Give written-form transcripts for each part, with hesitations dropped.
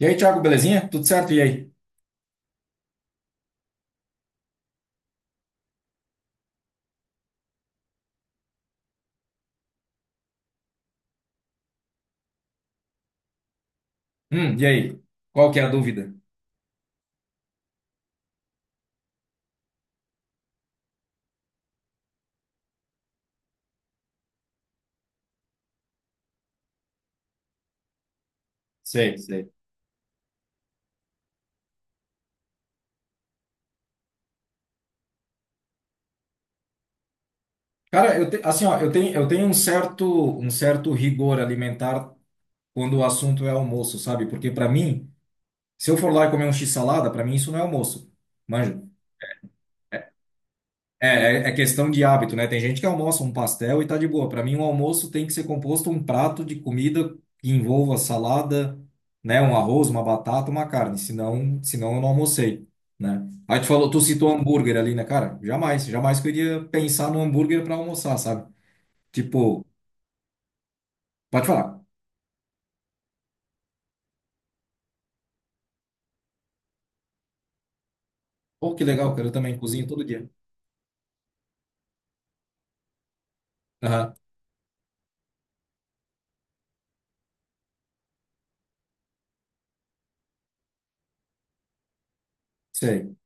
E aí, Thiago, belezinha? Tudo certo? E aí? E aí? Qual que é a dúvida? Sei, sei. Cara, assim, ó, eu tenho um certo rigor alimentar quando o assunto é almoço, sabe? Porque para mim, se eu for lá e comer um x-salada, para mim isso não é almoço. Manja? É, é questão de hábito, né? Tem gente que almoça um pastel e tá de boa. Para mim, um almoço tem que ser composto um prato de comida que envolva salada, né? Um arroz, uma batata, uma carne. Senão eu não almocei, né? Aí tu falou, tu citou hambúrguer ali, né, cara? Jamais, jamais que eu iria pensar no hambúrguer para almoçar, sabe? Tipo, pode falar. Pô, que legal, cara, eu também cozinho todo dia. Aham, sei.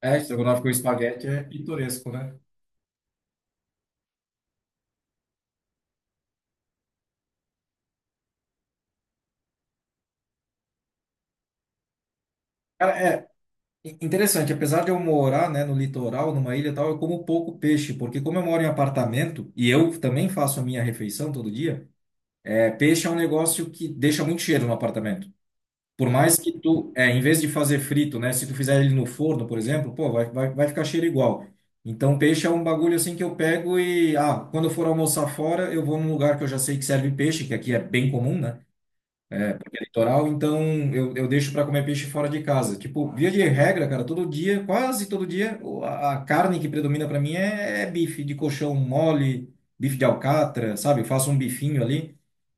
É, estrogonofe com espaguete é pitoresco, né? Cara, é, Interessante, apesar de eu morar, né, no litoral, numa ilha e tal, eu como pouco peixe, porque como eu moro em apartamento e eu também faço a minha refeição todo dia, é, peixe é um negócio que deixa muito cheiro no apartamento. Por mais que tu, é, em vez de fazer frito, né, se tu fizer ele no forno, por exemplo, pô, vai ficar cheiro igual. Então, peixe é um bagulho assim que eu pego e, ah, quando eu for almoçar fora, eu vou num lugar que eu já sei que serve peixe, que aqui é bem comum, né? Toral, então eu deixo para comer peixe fora de casa. Tipo, via de regra, cara, todo dia, quase todo dia, a carne que predomina para mim é bife de coxão mole, bife de alcatra, sabe? Eu faço um bifinho ali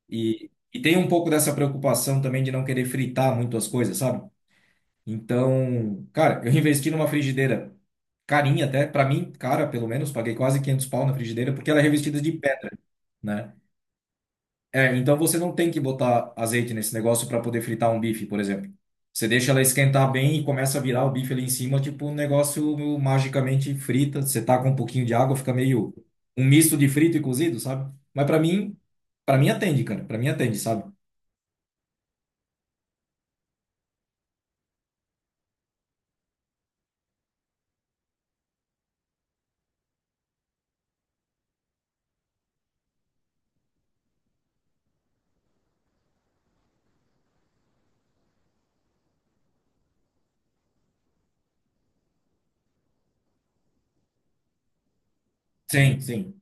e tem um pouco dessa preocupação também de não querer fritar muito as coisas, sabe? Então, cara, eu investi numa frigideira carinha até, para mim, cara, pelo menos, paguei quase 500 pau na frigideira porque ela é revestida de pedra, né? É, então você não tem que botar azeite nesse negócio para poder fritar um bife, por exemplo. Você deixa ela esquentar bem e começa a virar o bife ali em cima, tipo, um negócio magicamente frita. Você tá com um pouquinho de água, fica meio um misto de frito e cozido, sabe? Mas para mim atende, cara. Para mim atende, sabe? Sim, sim.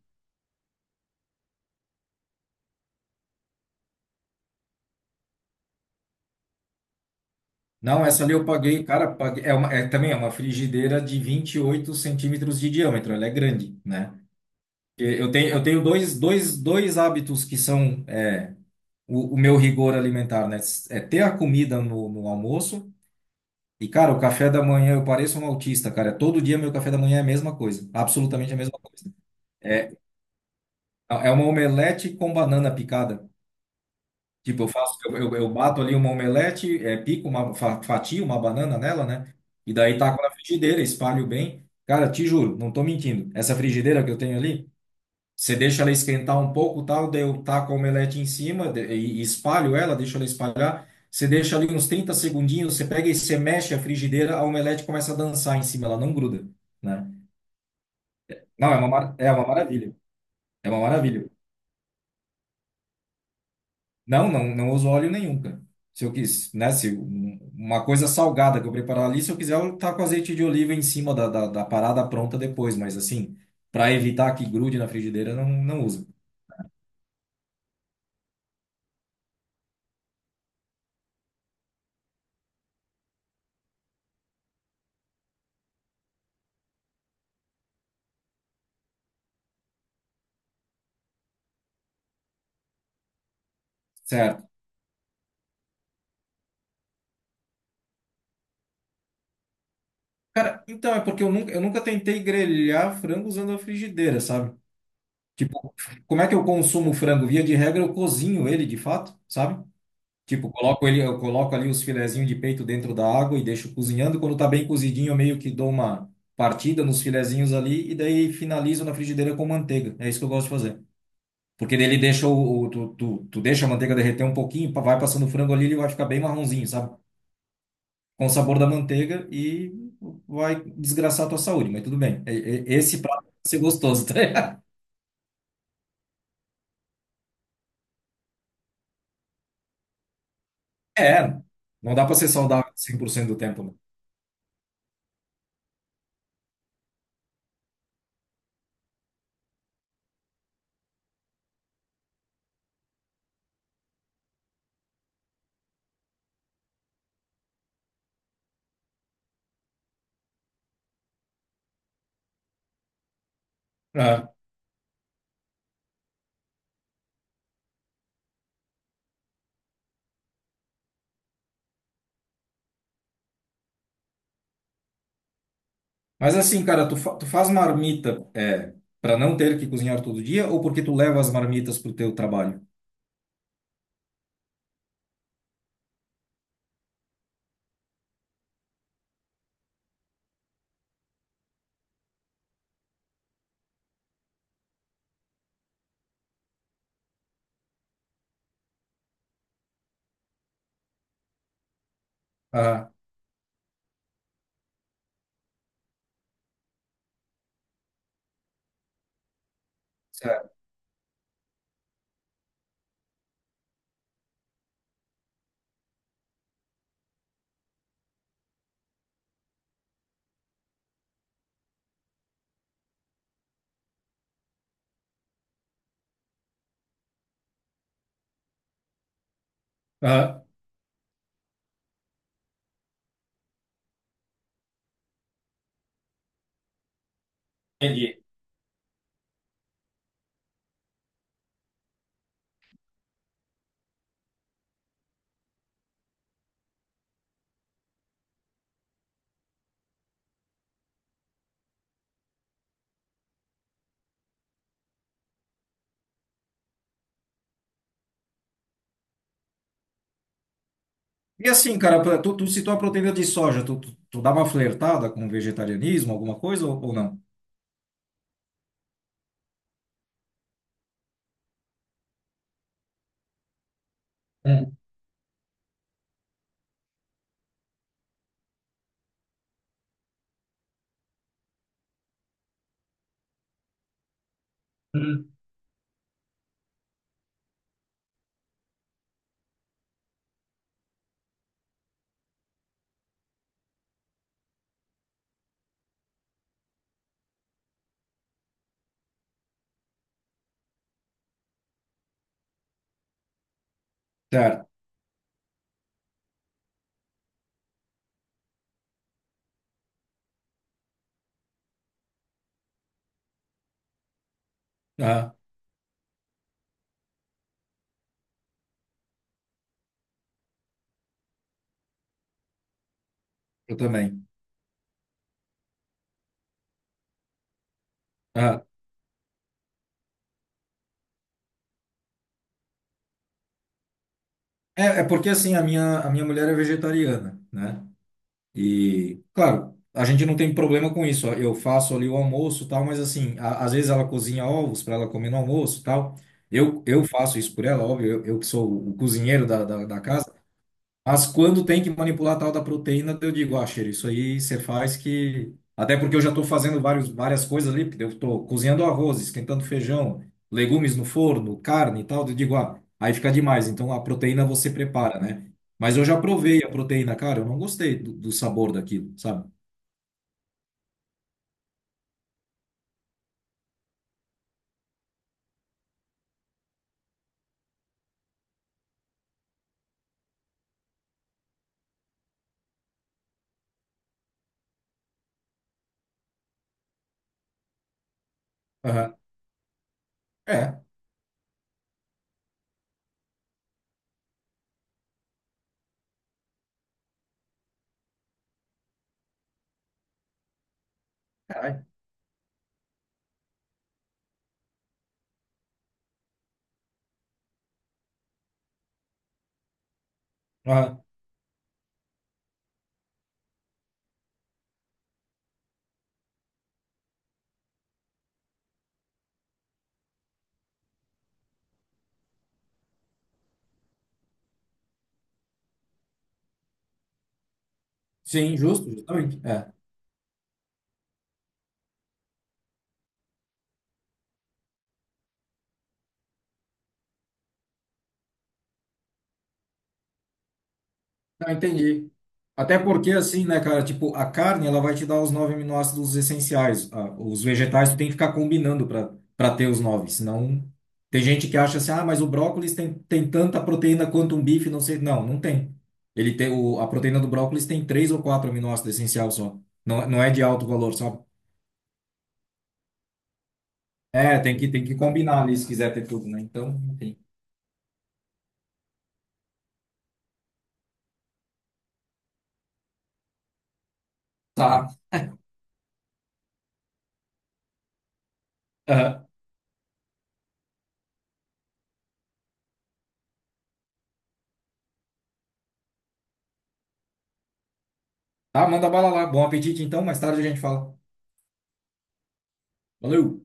Não, essa ali eu paguei, cara, paguei, é também é uma frigideira de 28 centímetros de diâmetro, ela é grande, né? E eu tenho dois hábitos que são, o meu rigor alimentar, né? É ter a comida no almoço. E, cara, o café da manhã, eu pareço um autista, cara. Todo dia meu café da manhã é a mesma coisa. Absolutamente a mesma coisa. É, É uma omelete com banana picada. Tipo, eu faço, eu bato ali uma omelete, fatio uma banana nela, né? E daí taco na frigideira, espalho bem. Cara, te juro, não tô mentindo. Essa frigideira que eu tenho ali. Você deixa ela esquentar um pouco, tal, daí eu taco a omelete em cima e espalho ela, deixo ela espalhar. Você deixa ali uns 30 segundinhos, você pega e você mexe a frigideira, a omelete começa a dançar em cima, ela não gruda, né? Não, é uma maravilha. É uma maravilha. Não, não, não uso óleo nenhum, cara. Se eu quis, né? Se uma coisa salgada que eu preparar ali, se eu quiser, eu taco azeite de oliva em cima da parada pronta depois, mas assim, para evitar que grude na frigideira, não, não uso. Certo. Então, é porque eu nunca tentei grelhar frango usando a frigideira, sabe? Tipo, como é que eu consumo o frango? Via de regra, eu cozinho ele de fato, sabe? Tipo, coloco ele, eu coloco ali os filezinhos de peito dentro da água e deixo cozinhando. Quando tá bem cozidinho, eu meio que dou uma partida nos filezinhos ali e daí finalizo na frigideira com manteiga. É isso que eu gosto de fazer. Porque daí ele deixa tu deixa a manteiga derreter um pouquinho, vai passando o frango ali, ele vai ficar bem marronzinho, sabe? Com o sabor da manteiga e vai desgraçar a tua saúde, mas tudo bem. Esse prato vai ser gostoso, tá? Ligado? É, não dá para ser saudável 100% do tempo, né? É. Mas assim, cara, tu faz marmita é, para não ter que cozinhar todo dia ou porque tu leva as marmitas pro teu trabalho? Ah, certo. Ah, entendi. E assim, cara, tu citou a proteína de soja, tu dá uma flertada com vegetarianismo, alguma coisa ou não? Hum, hum. Certo. Ah, eu também. É, é porque assim, a minha mulher é vegetariana, né? E, claro, a gente não tem problema com isso. Ó. Eu faço ali o almoço e tal, mas assim, às vezes ela cozinha ovos para ela comer no almoço e tal. Eu faço isso por ela, óbvio, eu que sou o cozinheiro da casa. Mas quando tem que manipular a tal da proteína, eu digo, ah, cheiro, isso aí você faz que. Até porque eu já estou fazendo vários, várias coisas ali, porque eu estou cozinhando arroz, esquentando feijão, legumes no forno, carne e tal. Eu digo, ah, aí fica demais. Então a proteína você prepara, né? Mas eu já provei a proteína, cara, eu não gostei do sabor daquilo, sabe? Aham. É. Caralho. Aham. Sim, justo, justamente. É. Não, entendi. Até porque, assim, né, cara, tipo, a carne, ela vai te dar os nove aminoácidos essenciais. Ah, os vegetais, tu tem que ficar combinando para ter os nove, senão... Tem gente que acha assim, ah, mas o brócolis tem, tem tanta proteína quanto um bife, não sei. Não, não tem. Ele tem o, a proteína do brócolis tem três ou quatro aminoácidos essenciais só. Não, não é de alto valor, sabe? É, tem que combinar ali se quiser ter tudo, né? Então, enfim. Tá. Aham. Tá, manda bala lá. Bom apetite, então. Mais tarde a gente fala. Valeu!